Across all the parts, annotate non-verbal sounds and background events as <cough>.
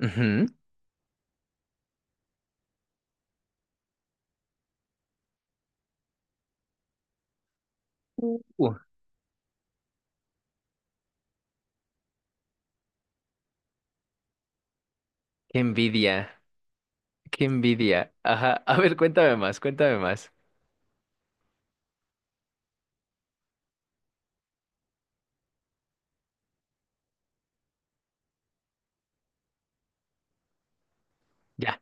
Ujú. Uh, qué envidia, qué envidia. Ajá, a ver, cuéntame más, cuéntame más. Ya.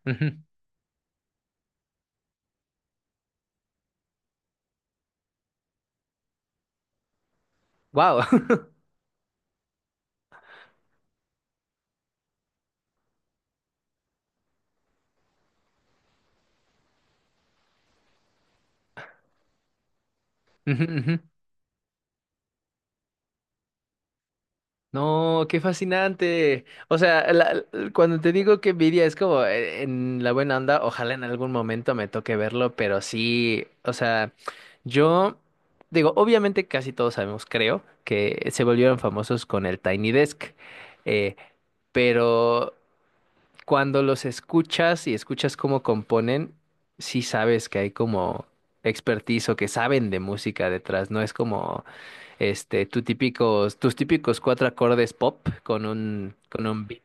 Wow. <laughs> Ujú, ujú. No, qué fascinante. O sea, cuando te digo que envidia es como en la buena onda, ojalá en algún momento me toque verlo, pero sí, o sea, yo digo, obviamente casi todos sabemos, creo, que se volvieron famosos con el Tiny Desk, eh, pero cuando los escuchas y escuchas cómo componen, sí sabes que hay como expertise o que saben de música detrás, no es como este tu típicos, tus típicos cuatro acordes pop con con un beat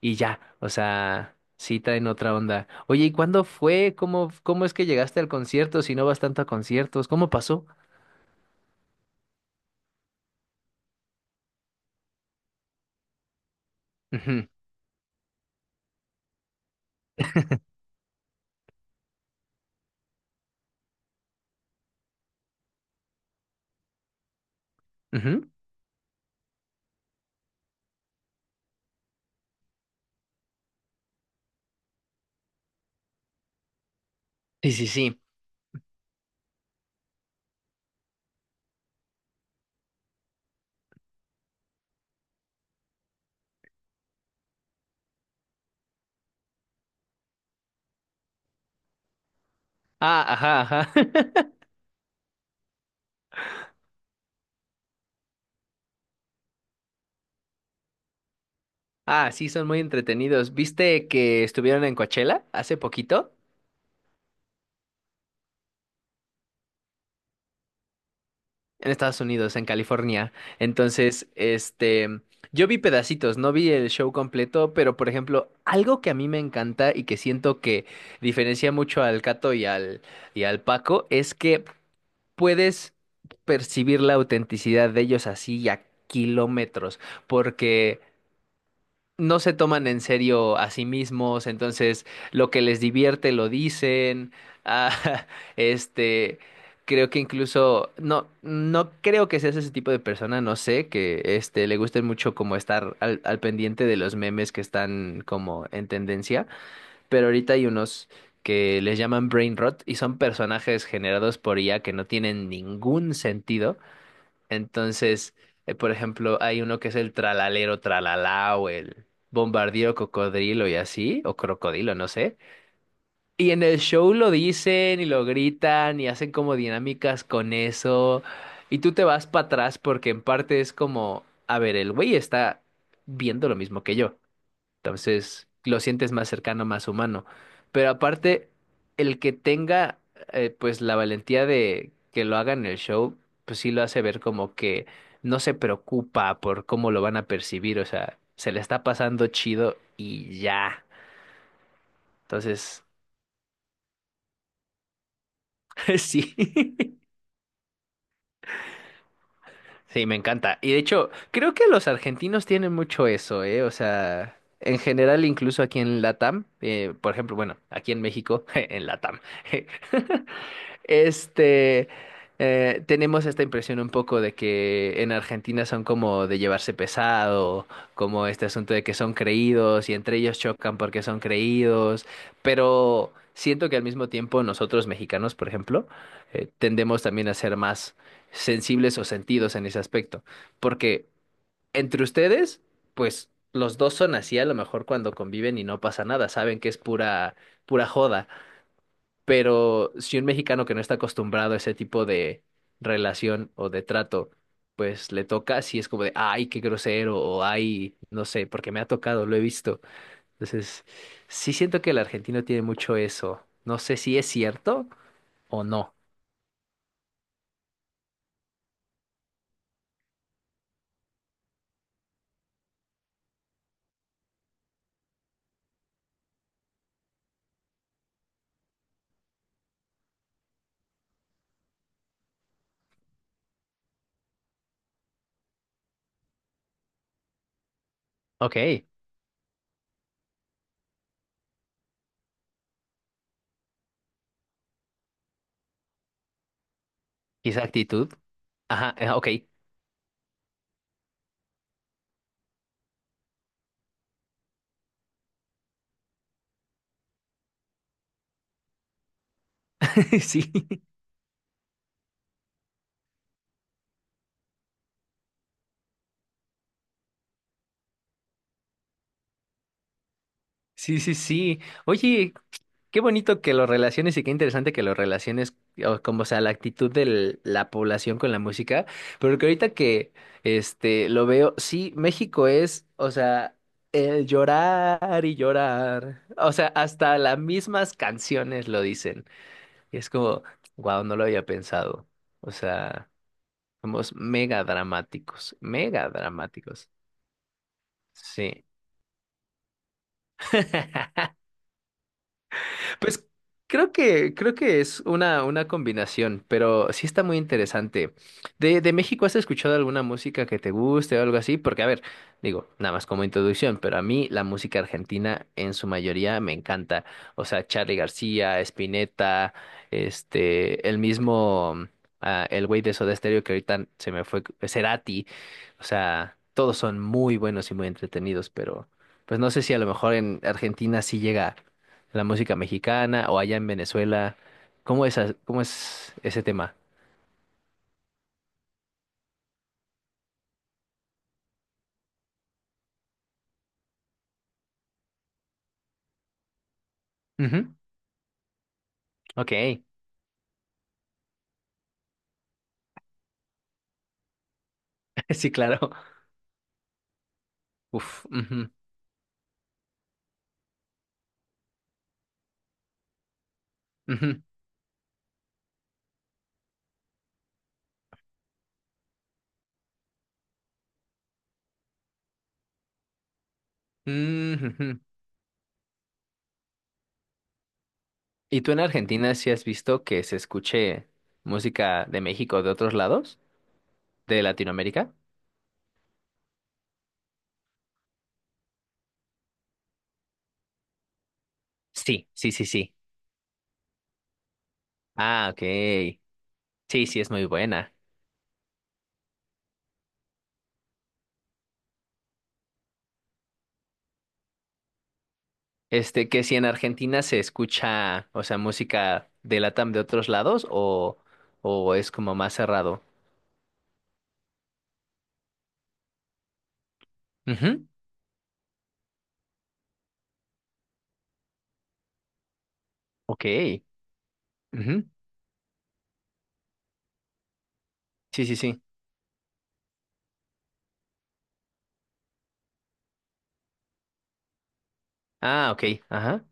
y ya, o sea, sí traen otra onda. Oye, ¿y cuándo fue? Cómo es que llegaste al concierto si no vas tanto a conciertos? ¿Cómo pasó? Ujú, ujú. Sí, sí, sí. Ah, ajá, ajá. <laughs> Ah, sí, son muy entretenidos. ¿Viste que estuvieron en Coachella hace poquito? En Estados Unidos, en California. Entonces, yo vi pedacitos, no vi el show completo, pero por ejemplo, algo que a mí me encanta y que siento que diferencia mucho al Cato y al Paco es que puedes percibir la autenticidad de ellos así y a kilómetros, porque no se toman en serio a sí mismos, entonces lo que les divierte lo dicen. Ah, <laughs> este, creo que incluso, no, no creo que seas ese tipo de persona, no sé, que le guste mucho como estar al pendiente de los memes que están como en tendencia, pero ahorita hay unos que les llaman brain rot y son personajes generados por IA que no tienen ningún sentido entonces, por ejemplo, hay uno que es el tralalero tralalá o el bombardío cocodrilo y así, o crocodilo, no sé. Y en el show lo dicen y lo gritan y hacen como dinámicas con eso. Y tú te vas para atrás porque en parte es como, a ver, el güey está viendo lo mismo que yo. Entonces, lo sientes más cercano, más humano. Pero aparte, el que tenga la valentía de que lo haga en el show, pues sí lo hace ver como que no se preocupa por cómo lo van a percibir. O sea, se le está pasando chido y ya. Entonces, <laughs> sí. Sí, me encanta. Y de hecho, creo que los argentinos tienen mucho eso, ¿eh? O sea, en general, incluso aquí en Latam, por ejemplo, bueno, aquí en México, <laughs> en Latam, <laughs> este, tenemos esta impresión un poco de que en Argentina son como de llevarse pesado, como este asunto de que son creídos y entre ellos chocan porque son creídos, pero siento que al mismo tiempo nosotros mexicanos, por ejemplo, tendemos también a ser más sensibles o sentidos en ese aspecto. Porque entre ustedes, pues los dos son así a lo mejor cuando conviven y no pasa nada, saben que es pura joda. Pero si un mexicano que no está acostumbrado a ese tipo de relación o de trato, pues le toca, así es como de, ay, qué grosero, o ay, no sé, porque me ha tocado, lo he visto. Entonces, sí siento que el argentino tiene mucho eso. No sé si es cierto o no. Ok, esa actitud. Ajá, ok, <laughs> sí. Sí, sí, sí. Oye, qué bonito que lo relaciones y qué interesante que lo relaciones, o como o sea, la actitud de la población con la música, pero que ahorita que lo veo, sí, México es, o sea, el llorar y llorar. O sea, hasta las mismas canciones lo dicen. Y es como, wow, no lo había pensado. O sea, somos mega dramáticos, mega dramáticos. Sí. <laughs> Pues creo que es una combinación, pero sí está muy interesante. De México, ¿has escuchado alguna música que te guste o algo así? Porque, a ver, digo, nada más como introducción, pero a mí la música argentina en su mayoría me encanta. O sea, Charly García, Spinetta, el mismo, ah, el güey de Soda Stereo que ahorita se me fue, Cerati. O sea, todos son muy buenos y muy entretenidos, pero pues no sé si a lo mejor en Argentina sí llega la música mexicana o allá en Venezuela. ¿Cómo es, as- cómo es ese tema? Ujú, ok, <laughs> sí, claro. Uf, ujú, ujú, mm, ujú. ¿Y tú en Argentina sí has visto que se escuche música de México o de otros lados? ¿De Latinoamérica? Sí, sí, sí, sí. Ah, ok. Sí, sí, es muy buena. Que si en Argentina se escucha, o sea, música de Latam de otros lados o es como más cerrado. Ujú, ok. Ujú. Sí, sí, sí. Ah, ok. Ajá.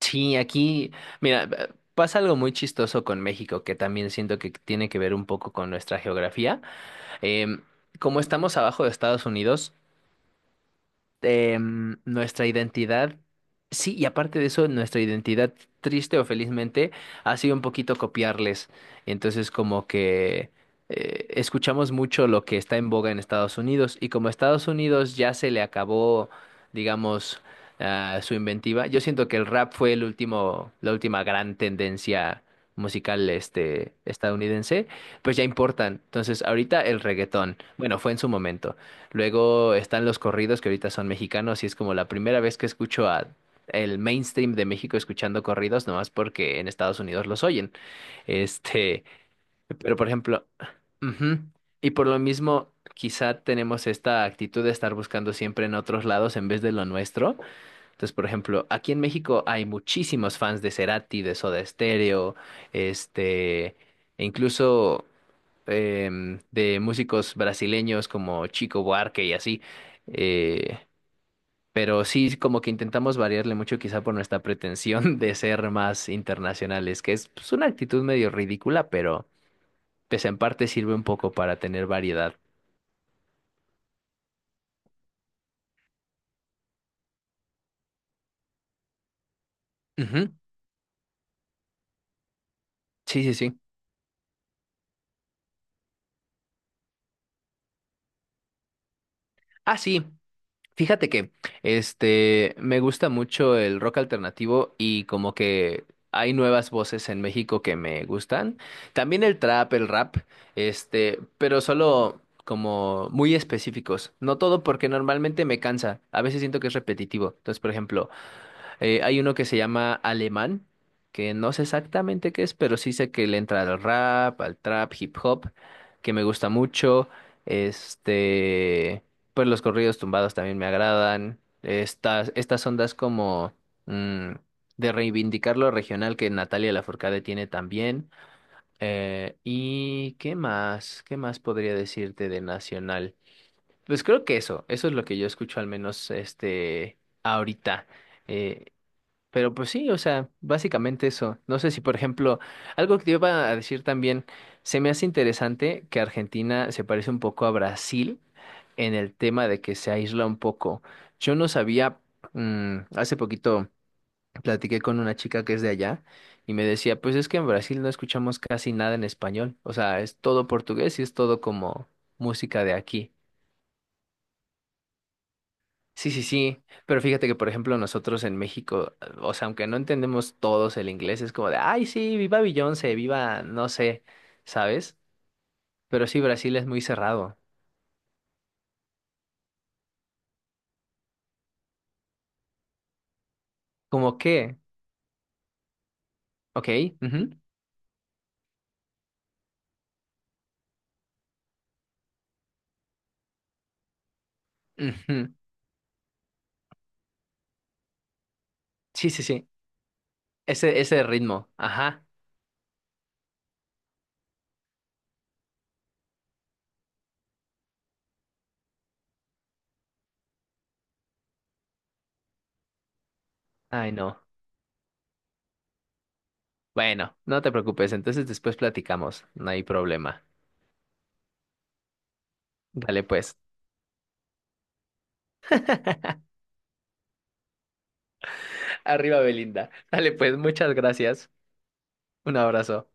Sí, aquí, mira, pasa algo muy chistoso con México, que también siento que tiene que ver un poco con nuestra geografía. Em, como estamos abajo de Estados Unidos, nuestra identidad, sí, y aparte de eso, nuestra identidad, triste o felizmente, ha sido un poquito copiarles. Entonces, como que escuchamos mucho lo que está en boga en Estados Unidos, y como a Estados Unidos ya se le acabó, digamos, ah, su inventiva, yo siento que el rap fue el último, la última gran tendencia musical estadounidense, pues ya importan. Entonces, ahorita el reggaetón, bueno, fue en su momento. Luego están los corridos que ahorita son mexicanos y es como la primera vez que escucho a el mainstream de México escuchando corridos, nomás porque en Estados Unidos los oyen. Este, pero por ejemplo, ujú, y por lo mismo, quizá tenemos esta actitud de estar buscando siempre en otros lados en vez de lo nuestro. Entonces, por ejemplo, aquí en México hay muchísimos fans de Cerati, de Soda Stereo, este, e incluso de músicos brasileños como Chico Buarque y así. eh, pero sí, sí, como que intentamos variarle mucho quizá por nuestra pretensión <laughs> de ser más internacionales, que es pues, una actitud medio ridícula, pero pues en parte sirve un poco para tener variedad. Ujú, sí, sí, sí. Ah, sí. Fíjate que me gusta mucho el rock alternativo y como que hay nuevas voces en México que me gustan. También el trap, el rap, pero solo como muy específicos. No todo porque normalmente me cansa. A veces siento que es repetitivo. Entonces, por ejemplo, hay uno que se llama Alemán, que no sé exactamente qué es, pero sí sé que le entra al rap, al trap, hip hop, que me gusta mucho. Este, pues los corridos tumbados también me agradan. Estas ondas como mm, de reivindicar lo regional que Natalia Lafourcade tiene también. ¿Y qué más? ¿Qué más podría decirte de nacional? Pues creo que eso es lo que yo escucho al menos ahorita. Eh, pero pues sí, o sea, básicamente eso. No sé si, por ejemplo, algo que te iba a decir también, se me hace interesante que Argentina se parece un poco a Brasil en el tema de que se aísla un poco. Yo no sabía, hace poquito platiqué con una chica que es de allá y me decía, pues es que en Brasil no escuchamos casi nada en español, o sea, es todo portugués y es todo como música de aquí. Sí, sí, sí, pero fíjate que por ejemplo nosotros en México, o sea, aunque no entendemos todos el inglés, es como de, ay, sí, viva Beyoncé, viva, no sé, ¿sabes? Pero sí, Brasil es muy cerrado. ¿Como qué? Ok, ujú, ujú. Sí, sí, sí, ese ritmo, ajá, ay, no. Bueno, no te preocupes, entonces después platicamos, no hay problema. Dale pues. <laughs> Arriba, Belinda. Dale pues, muchas gracias. Un abrazo.